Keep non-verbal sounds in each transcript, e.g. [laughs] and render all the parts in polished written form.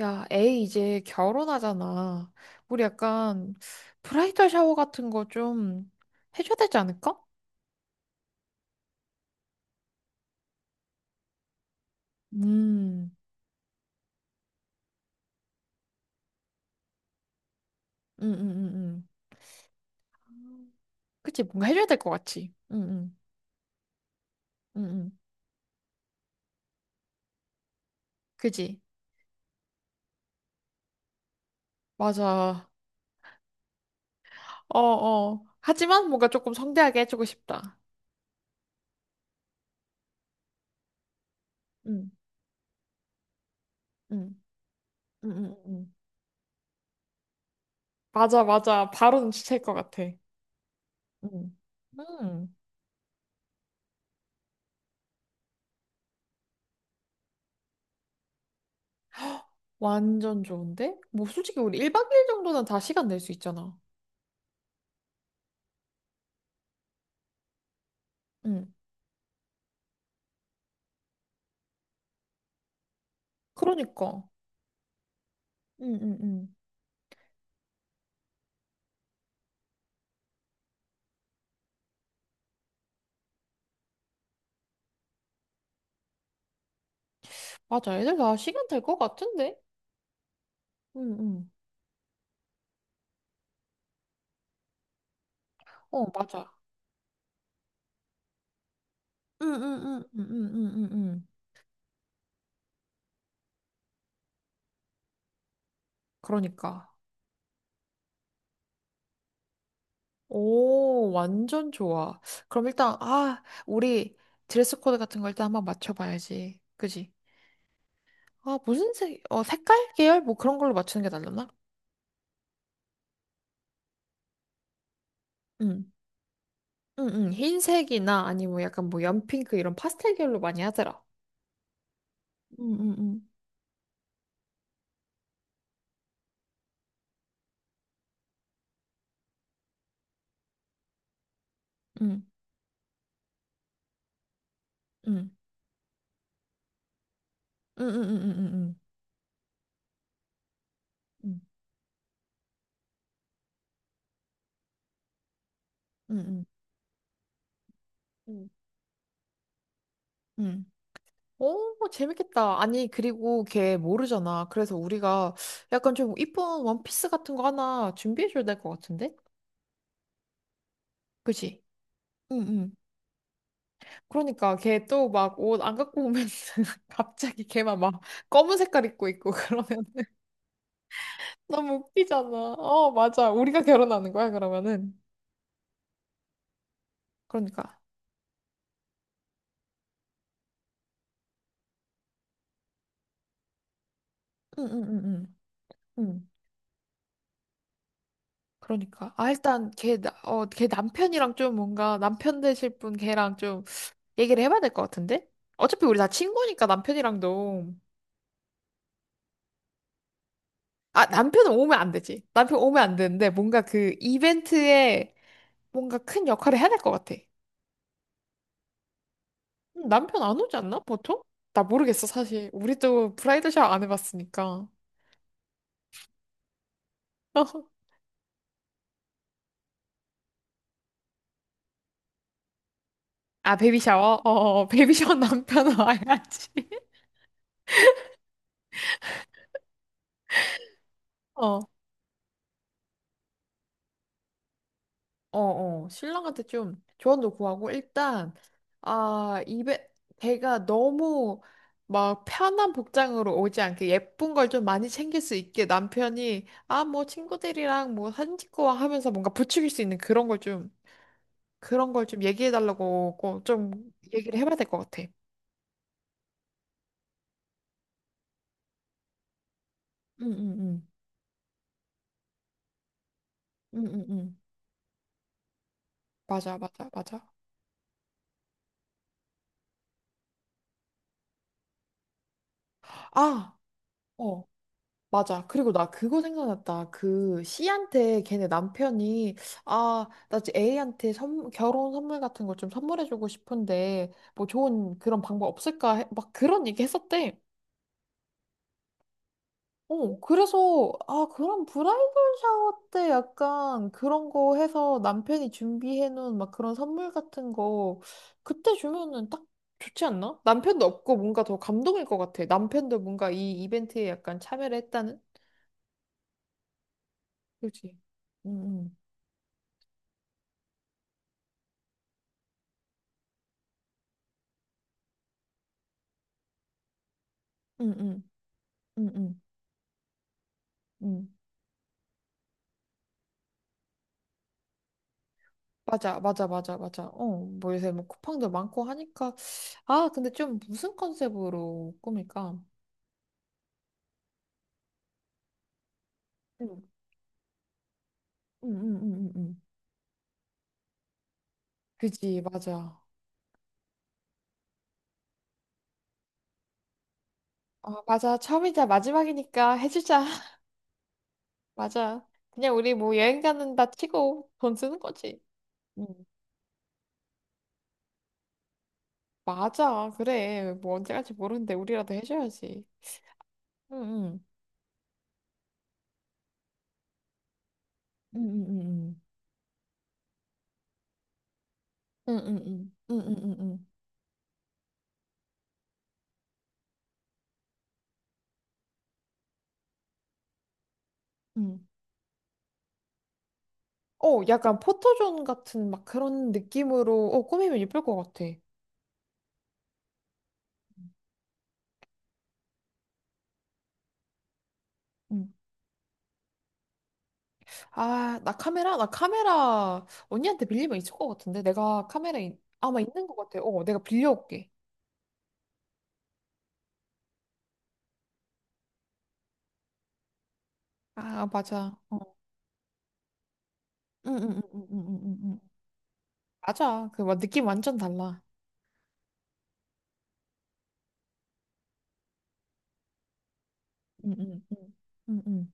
야, 에이, 이제 결혼하잖아. 우리 약간 브라이덜 샤워 같은 거 좀 해줘야 되지 않을까? 음, 음, 음, 음, 음. 그치, 뭔가 해줘야 될 것 같지. 응, 응, 응, 응. 그지? 맞아. 어, 어. 하지만 뭔가 조금 성대하게 해주고 싶다. 응, 응, 응, 응, 응. 맞아, 맞아. 바로 눈치챌 것 같아. 응. 음, 완전 좋은데? 뭐, 솔직히 우리 1박 2일 정도는 다 시간 낼 수 있잖아. 응. 그러니까. 응, 응, 응. 맞아. 애들 다 시간 될 것 같은데? 응, 응. 어, 맞아. 응, 응, 응, 응, 응, 응, 응. 응. 그러니까. 오, 완전 좋아. 그럼 일단, 아, 우리 드레스 코드 같은 걸 일단 한번 맞춰봐야지. 그지? 아, 무슨 색, 어, 색깔 계열? 뭐 그런 걸로 맞추는 게 낫려나? 응. 응, 응. 흰색이나 아니면 약간 뭐 연핑크 이런 파스텔 계열로 많이 하더라. 응, 응, 응. 응, 응. 응, 응, 응, 응, 응. 응, 응, 응. 응. 응. 오, 재밌겠다. 아니, 그리고 걔 모르잖아. 그래서 우리가 약간 좀 이쁜 원피스 같은 거 하나 준비해줘야 될 것 같은데? 그지? 응, 응. 그러니까 걔 또 막 옷 안 갖고 오면 [laughs] 갑자기 걔만 막 검은 색깔 입고 있고 그러면 [laughs] 너무 웃기잖아. 어, 맞아. 우리가 결혼하는 거야, 그러면은. 그러니까. 응, 응, 응, 응. 응. 그러니까. 아, 일단 걔, 어, 걔 남편이랑 좀 뭔가 남편 되실 분 걔랑 좀 얘기를 해봐야 될 것 같은데? 어차피 우리 다 친구니까 남편이랑도. 아, 남편은 오면 안 되지. 남편 오면 안 되는데 뭔가 그 이벤트에 뭔가 큰 역할을 해야 될 것 같아. 남편 안 오지 않나? 보통? 나 모르겠어, 사실. 우리도 브라이드 샤워 안 해봤으니까. [laughs] 아, 베이비 샤워? 어, 어, 어. 베이비 샤워 남편 와야지. [laughs] 어. 어, 신랑한테 좀 조언도 구하고, 일단, 아, 입에, 배가 너무 막 편한 복장으로 오지 않게 예쁜 걸 좀 많이 챙길 수 있게 남편이, 아, 뭐 친구들이랑 뭐 사진 찍고 와 하면서 뭔가 부추길 수 있는 그런 걸 좀 얘기해 달라고 꼭좀 얘기를 해봐야 될 것 같아. 응, 응, 응. 응, 응, 응. 맞아, 맞아, 맞아. 아, 어. 맞아. 그리고 나 그거 생각났다. 그 C한테 걔네 남편이 아, 나 지금 A한테 선, 결혼 선물 같은 걸 좀 선물해주고 싶은데 뭐 좋은 그런 방법 없을까? 해- 막 그런 얘기 했었대. 어, 그래서 아, 그런 브라이덜 샤워 때 약간 그런 거 해서 남편이 준비해놓은 막 그런 선물 같은 거 그때 주면은 딱 좋지 않나? 남편도 없고 뭔가 더 감동일 것 같아. 남편도 뭔가 이 이벤트에 약간 참여를 했다는? 그렇지. 응응 응응 응 응, 응. 맞아 맞아 맞아 맞아 어뭐 요새 뭐 쿠팡도 많고 하니까 아 근데 좀 무슨 컨셉으로 꾸밀까 응응응응응 응 응응응응응. 그지 맞아 아 맞아 처음이자 마지막이니까 해주자 [laughs] 맞아 그냥 우리 뭐 여행 가는다 치고 돈 쓰는 거지 응 맞아 그래 뭐 언제 갈지 모르는데 우리라도 해줘야지 응응 응응응응 응응응 응응응 어, 약간 포토존 같은 막 그런 느낌으로 어, 꾸미면 예쁠 것 같아. 음. 아, 나 카메라? 나 카메라 언니한테 빌리면 있을 것 같은데? 내가 아마 있는 것 같아. 어, 내가 빌려올게. 아, 맞아. 어. 응, 응, 응, 응, 응, 응, 응. 응. 맞아. 그 막 느낌 완전 달라. 응, 응, 응, 응, 응.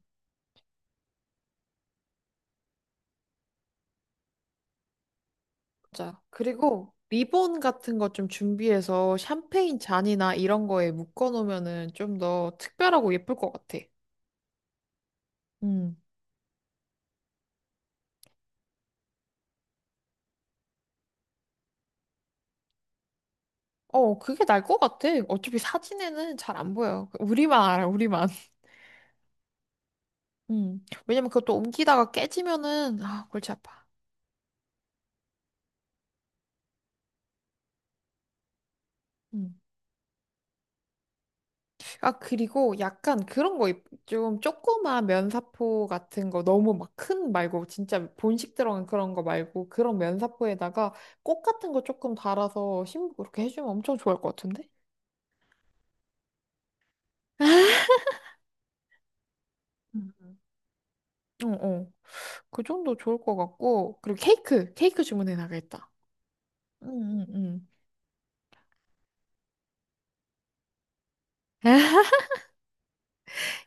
맞아. 그리고 리본 같은 거 좀 준비해서 샴페인 잔이나 이런 거에 묶어 놓으면은 좀 더 특별하고 예쁠 것 같아. 응. 어, 그게 날 것 같아. 어차피 사진에는 잘 안 보여. 우리만 알아, 우리만. [laughs] 왜냐면 그것도 옮기다가 깨지면은, 아, 골치 아파. 음. 아, 그리고 약간 그런 거, 좀 조그만 면사포 같은 거, 너무 막 큰 말고, 진짜 본식 들어간 그런 거 말고, 그런 면사포에다가 꽃 같은 거 조금 달아서 신부 그렇게 해주면 엄청 좋을 것 같은데? 음. 어, 어. 그 정도 좋을 것 같고, 그리고 케이크, 케이크 주문해 나가겠다. 응, 응, 응.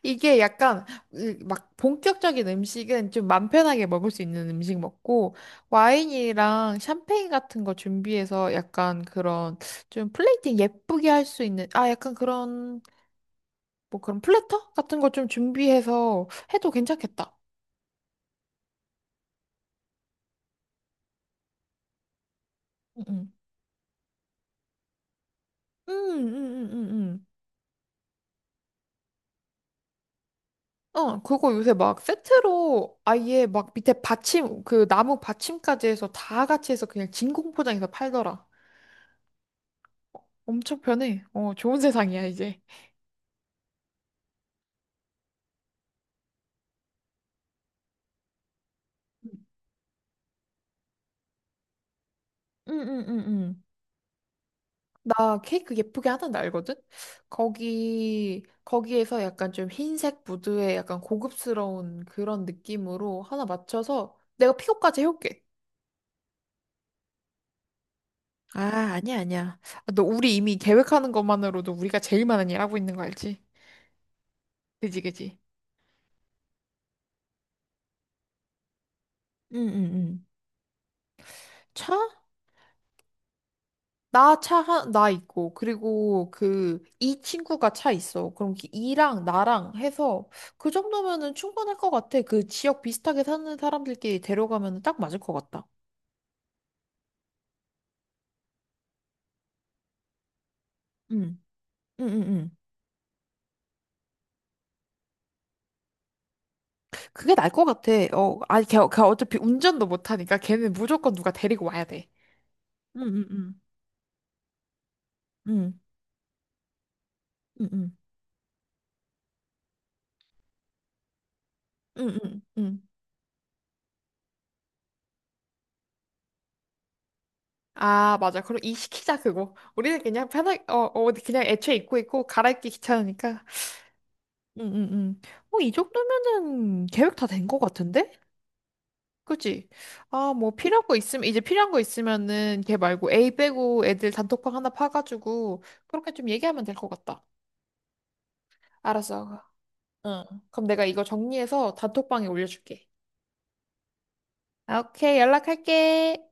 이게 약간 으, 막 본격적인 음식은 좀 맘 편하게 먹을 수 있는 음식 먹고 와인이랑 샴페인 같은 거 준비해서 약간 그런 좀 플레이팅 예쁘게 할 수 있는 아 약간 그런 뭐 그런 플래터 같은 거 좀 준비해서 해도 괜찮겠다. 응응. 응응응응응. 어, 그거 요새 막 세트로 아예 막 밑에 받침 그 나무 받침까지 해서 다 같이 해서 그냥 진공 포장해서 팔더라. 엄청 편해. 어, 좋은 세상이야 이제. 응응응응. 나 케이크 예쁘게 하나데 알거든? 거기에서 약간 좀 흰색 무드에 약간 고급스러운 그런 느낌으로 하나 맞춰서 내가 픽업까지 해올게. 아, 아니야. 아, 너 우리 이미 계획하는 것만으로도 우리가 제일 많은 일 하고 있는 거 알지? 그지? 응응응. 차? 나 차, 나 있고, 그리고 그, 이 친구가 차 있어. 그럼 그 이랑 나랑 해서 그 정도면은 충분할 것 같아. 그 지역 비슷하게 사는 사람들끼리 데려가면 딱 맞을 것 같다. 응, 응, 응, 응. 그게 나을 것 같아. 어, 아니, 걔 어차피 운전도 못하니까 걔는 무조건 누가 데리고 와야 돼. 응, 응, 응. 응, 응, 응, 응, 응, 응. 아, 맞아. 그럼 이 시키자, 그거. 우리는 그냥 편하게, 어, 어, 그냥 애초에 입고 있고, 갈아입기 귀찮으니까. 응응응. 어, 이 정도면은 계획 다 된 것 같은데? 그치? 아, 필요한 거 있으면은 걔 말고 A 빼고 애들 단톡방 하나 파가지고 그렇게 좀 얘기하면 될 것 같다. 알았어. 응. 그럼 내가 이거 정리해서 단톡방에 올려줄게. 아, 오케이, 연락할게.